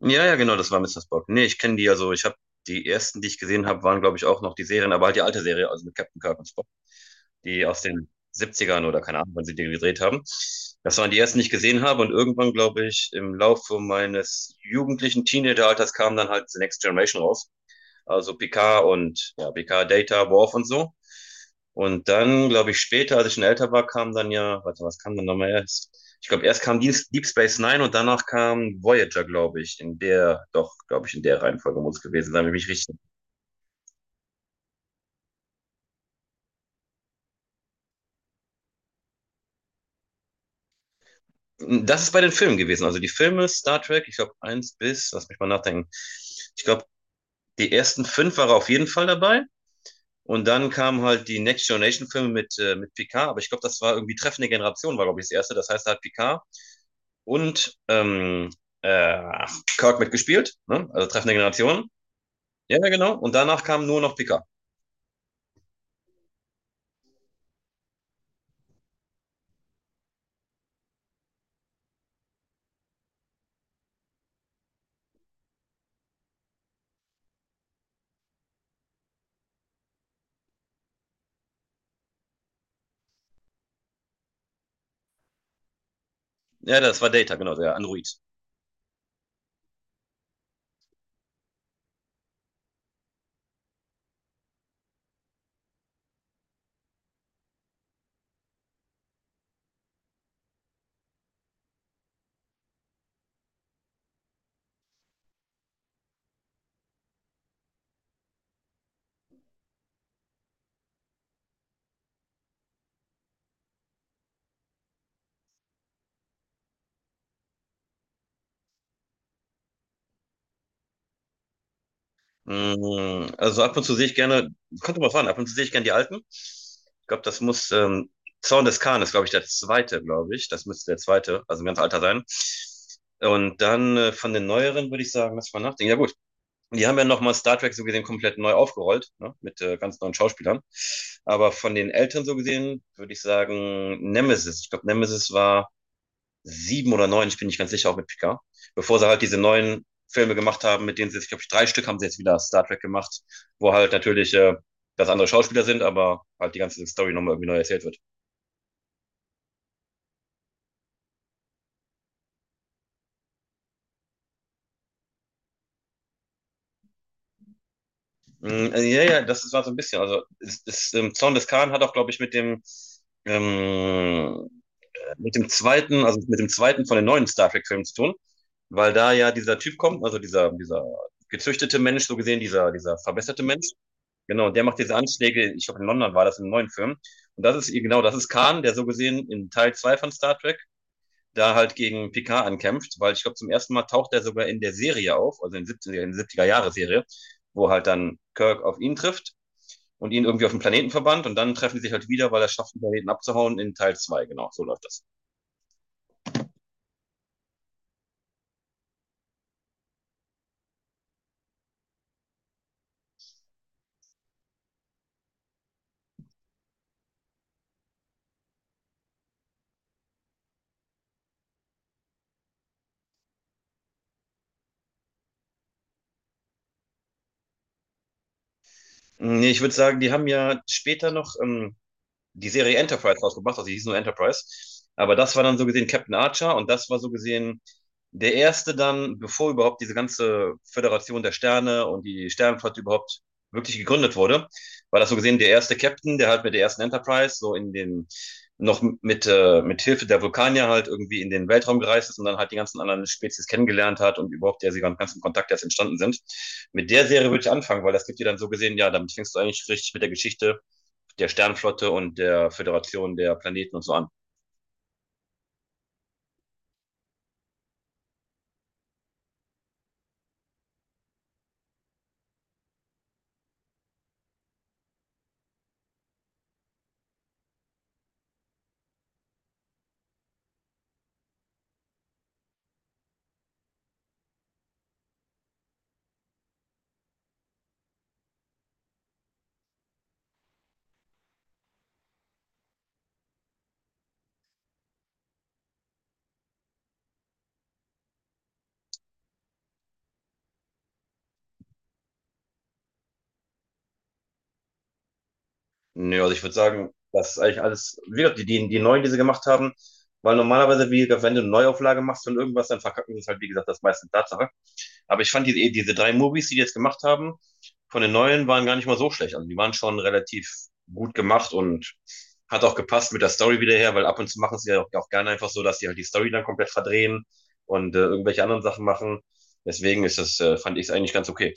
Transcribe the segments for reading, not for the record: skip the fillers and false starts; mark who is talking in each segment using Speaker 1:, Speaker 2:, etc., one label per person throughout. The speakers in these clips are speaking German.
Speaker 1: Ja, ja, genau, das war Mister Spock. Nee, ich kenne die, also ich habe die ersten, die ich gesehen habe, waren, glaube ich, auch noch die Serien, aber halt die alte Serie, also mit Captain Kirk und Spock, die aus den Siebzigern oder keine Ahnung, wann sie die gedreht haben. Das waren die ersten, die ich gesehen habe und irgendwann, glaube ich, im Laufe meines jugendlichen Teenager-Alters kam dann halt The Next Generation raus, also PK und ja, PK Data, Worf und so. Und dann, glaube ich, später, als ich schon älter war, kam dann ja, warte, was kam dann nochmal erst? Ich glaube, erst kam Deep Space Nine und danach kam Voyager, glaube ich, in der, doch, glaube ich, in der Reihenfolge muss es gewesen sein, wenn ich mich richtig. Das ist bei den Filmen gewesen. Also die Filme Star Trek, ich glaube, eins bis, lass mich mal nachdenken. Ich glaube, die ersten fünf waren auf jeden Fall dabei. Und dann kamen halt die Next Generation Filme mit Picard, aber ich glaube, das war irgendwie Treffende Generation, war, glaube ich, das erste. Das heißt, da hat Picard und äh, Kirk mitgespielt, ne? Also Treffende Generation. Ja, ja, genau. Und danach kam nur noch Picard. Ja, das war Data, genau, der Android. Also ab und zu sehe ich gerne, könnte man fahren, ab und zu sehe ich gerne die alten. Ich glaube, das muss, Zorn des Khan ist, glaube ich, der zweite, glaube ich. Das müsste der zweite, also ein ganz alter sein. Und dann von den neueren würde ich sagen, lass mal nachdenken. Ja, gut. Und die haben ja nochmal Star Trek so gesehen komplett neu aufgerollt, ne? Mit ganz neuen Schauspielern. Aber von den Eltern so gesehen würde ich sagen Nemesis. Ich glaube, Nemesis war sieben oder neun, ich bin nicht ganz sicher, auch mit Picard. Bevor sie halt diese neuen Filme gemacht haben, mit denen sie, ich glaube, drei Stück haben sie jetzt wieder Star Trek gemacht, wo halt natürlich das andere Schauspieler sind, aber halt die ganze Story nochmal irgendwie neu erzählt wird. Ja, ja, das war so ein bisschen. Also, ist es, Zorn des Khan hat auch, glaube ich, ähm, mit dem zweiten, also mit dem zweiten von den neuen Star Trek-Filmen zu tun, weil da ja dieser Typ kommt, also dieser gezüchtete Mensch, so gesehen, dieser verbesserte Mensch, genau, und der macht diese Anschläge, ich glaube in London war das im neuen Film. Und das ist, genau, das ist Khan, der so gesehen in Teil 2 von Star Trek da halt gegen Picard ankämpft, weil ich glaube, zum ersten Mal taucht er sogar in der Serie auf, also in der 70er-Jahre-Serie, wo halt dann Kirk auf ihn trifft und ihn irgendwie auf den Planeten verbannt und dann treffen sie sich halt wieder, weil er schafft, den Planeten abzuhauen in Teil 2, genau, so läuft das. Nee, ich würde sagen, die haben ja später noch, die Serie Enterprise rausgebracht, also die hieß nur Enterprise. Aber das war dann so gesehen Captain Archer und das war so gesehen der erste dann, bevor überhaupt diese ganze Föderation der Sterne und die Sternenflotte überhaupt wirklich gegründet wurde, war das so gesehen der erste Captain, der halt mit der ersten Enterprise so in den noch mit Hilfe der Vulkanier halt irgendwie in den Weltraum gereist ist und dann halt die ganzen anderen Spezies kennengelernt hat und überhaupt der sie ganzen Kontakt erst entstanden sind. Mit der Serie würde ich anfangen, weil das gibt dir dann so gesehen, ja, damit fängst du eigentlich richtig mit der Geschichte der Sternflotte und der Föderation der Planeten und so an. Ja, also ich würde sagen, das ist eigentlich alles, wie gesagt, die neuen, die sie gemacht haben, weil normalerweise, wie gesagt, wenn du eine Neuauflage machst von irgendwas, dann verkacken sie es halt, wie gesagt, das meiste Tatsache. Aber ich fand diese drei Movies, die die jetzt gemacht haben, von den neuen waren gar nicht mal so schlecht. Also die waren schon relativ gut gemacht und hat auch gepasst mit der Story wieder her, weil ab und zu machen sie ja auch, auch gerne einfach so, dass die halt die Story dann komplett verdrehen und irgendwelche anderen Sachen machen. Deswegen ist das, fand ich es eigentlich ganz okay.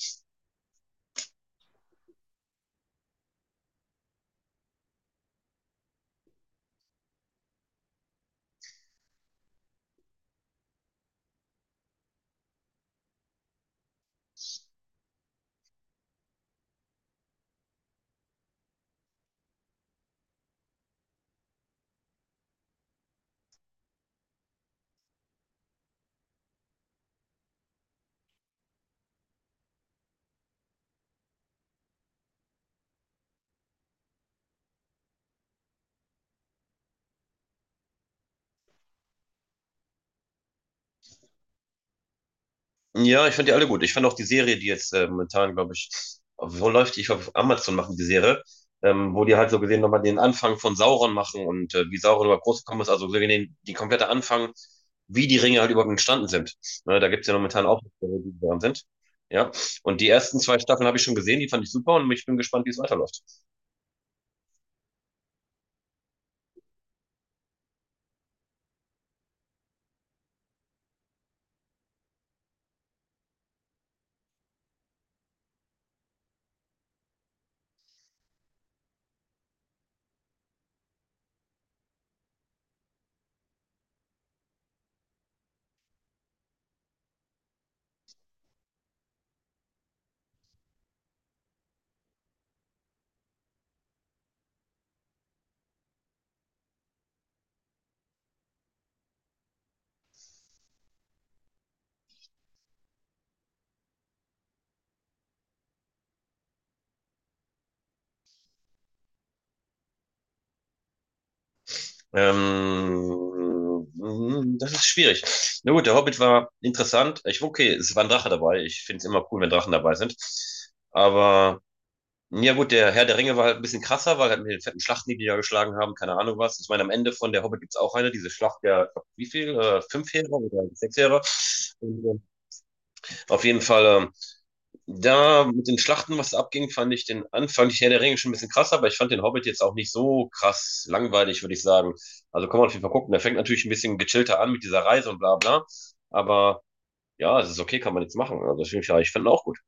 Speaker 1: Ja, ich fand die alle gut. Ich fand auch die Serie, die jetzt momentan, glaube ich, wo läuft die? Ich glaube, auf Amazon machen die Serie, wo die halt so gesehen nochmal den Anfang von Sauron machen und wie Sauron überhaupt groß gekommen ist. Also so gesehen den, die komplette Anfang, wie die Ringe halt überhaupt entstanden sind. Ne, da gibt's ja momentan auch Serien, die dran sind. Ja, und die ersten zwei Staffeln habe ich schon gesehen, die fand ich super und ich bin gespannt, wie es weiterläuft. Ähm, das ist schwierig. Na gut, der Hobbit war interessant. Ich, okay, es war ein Drache dabei. Ich finde es immer cool, wenn Drachen dabei sind. Aber ja gut, der Herr der Ringe war halt ein bisschen krasser, weil halt mit den fetten Schlachten, die die da geschlagen haben, keine Ahnung was. Ich meine, am Ende von der Hobbit gibt's auch eine, diese Schlacht der, ich glaub, wie viel? Fünf Heere oder sechs Heere. Und, auf jeden Fall, da mit den Schlachten, was abging, fand ich den Anfang, ich Herr der Ringe schon ein bisschen krasser, aber ich fand den Hobbit jetzt auch nicht so krass langweilig, würde ich sagen. Also kann man auf jeden Fall gucken. Der fängt natürlich ein bisschen gechillter an mit dieser Reise und bla bla. Aber ja, es ist okay, kann man jetzt machen. Also ich, ja, ich fand ihn auch gut.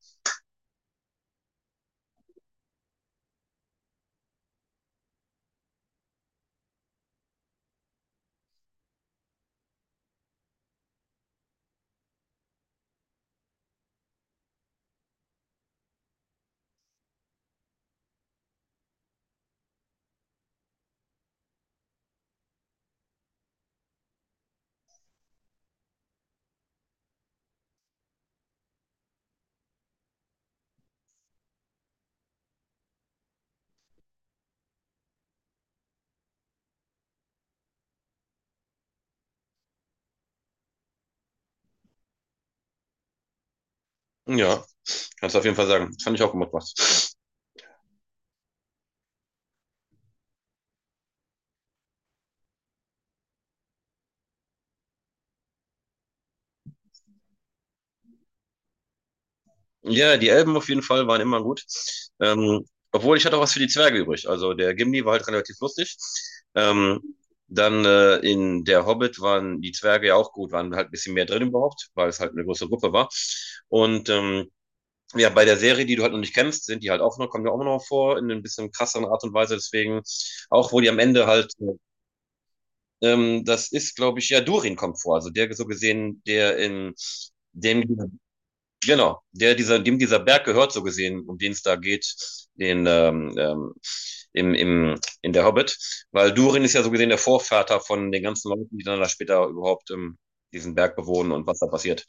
Speaker 1: Ja, kannst du auf jeden Fall sagen. Das fand ich auch gut gemacht. Ja, die Elben auf jeden Fall waren immer gut. Ähm, obwohl ich hatte auch was für die Zwerge übrig. Also der Gimli war halt relativ lustig. Ähm, dann in der Hobbit waren die Zwerge ja auch gut, waren halt ein bisschen mehr drin überhaupt, weil es halt eine große Gruppe war. Und ja, bei der Serie, die du halt noch nicht kennst, sind die halt auch noch, kommen ja auch noch vor in ein bisschen krasseren Art und Weise. Deswegen, auch wo die am Ende halt, das ist, glaube ich, ja, Durin kommt vor. Also der so gesehen, der in dem genau, der dieser, dem dieser Berg gehört, so gesehen, um den es da geht, den in der Hobbit. Weil Durin ist ja so gesehen der Vorvater von den ganzen Leuten, die dann da später überhaupt diesen Berg bewohnen und was da passiert.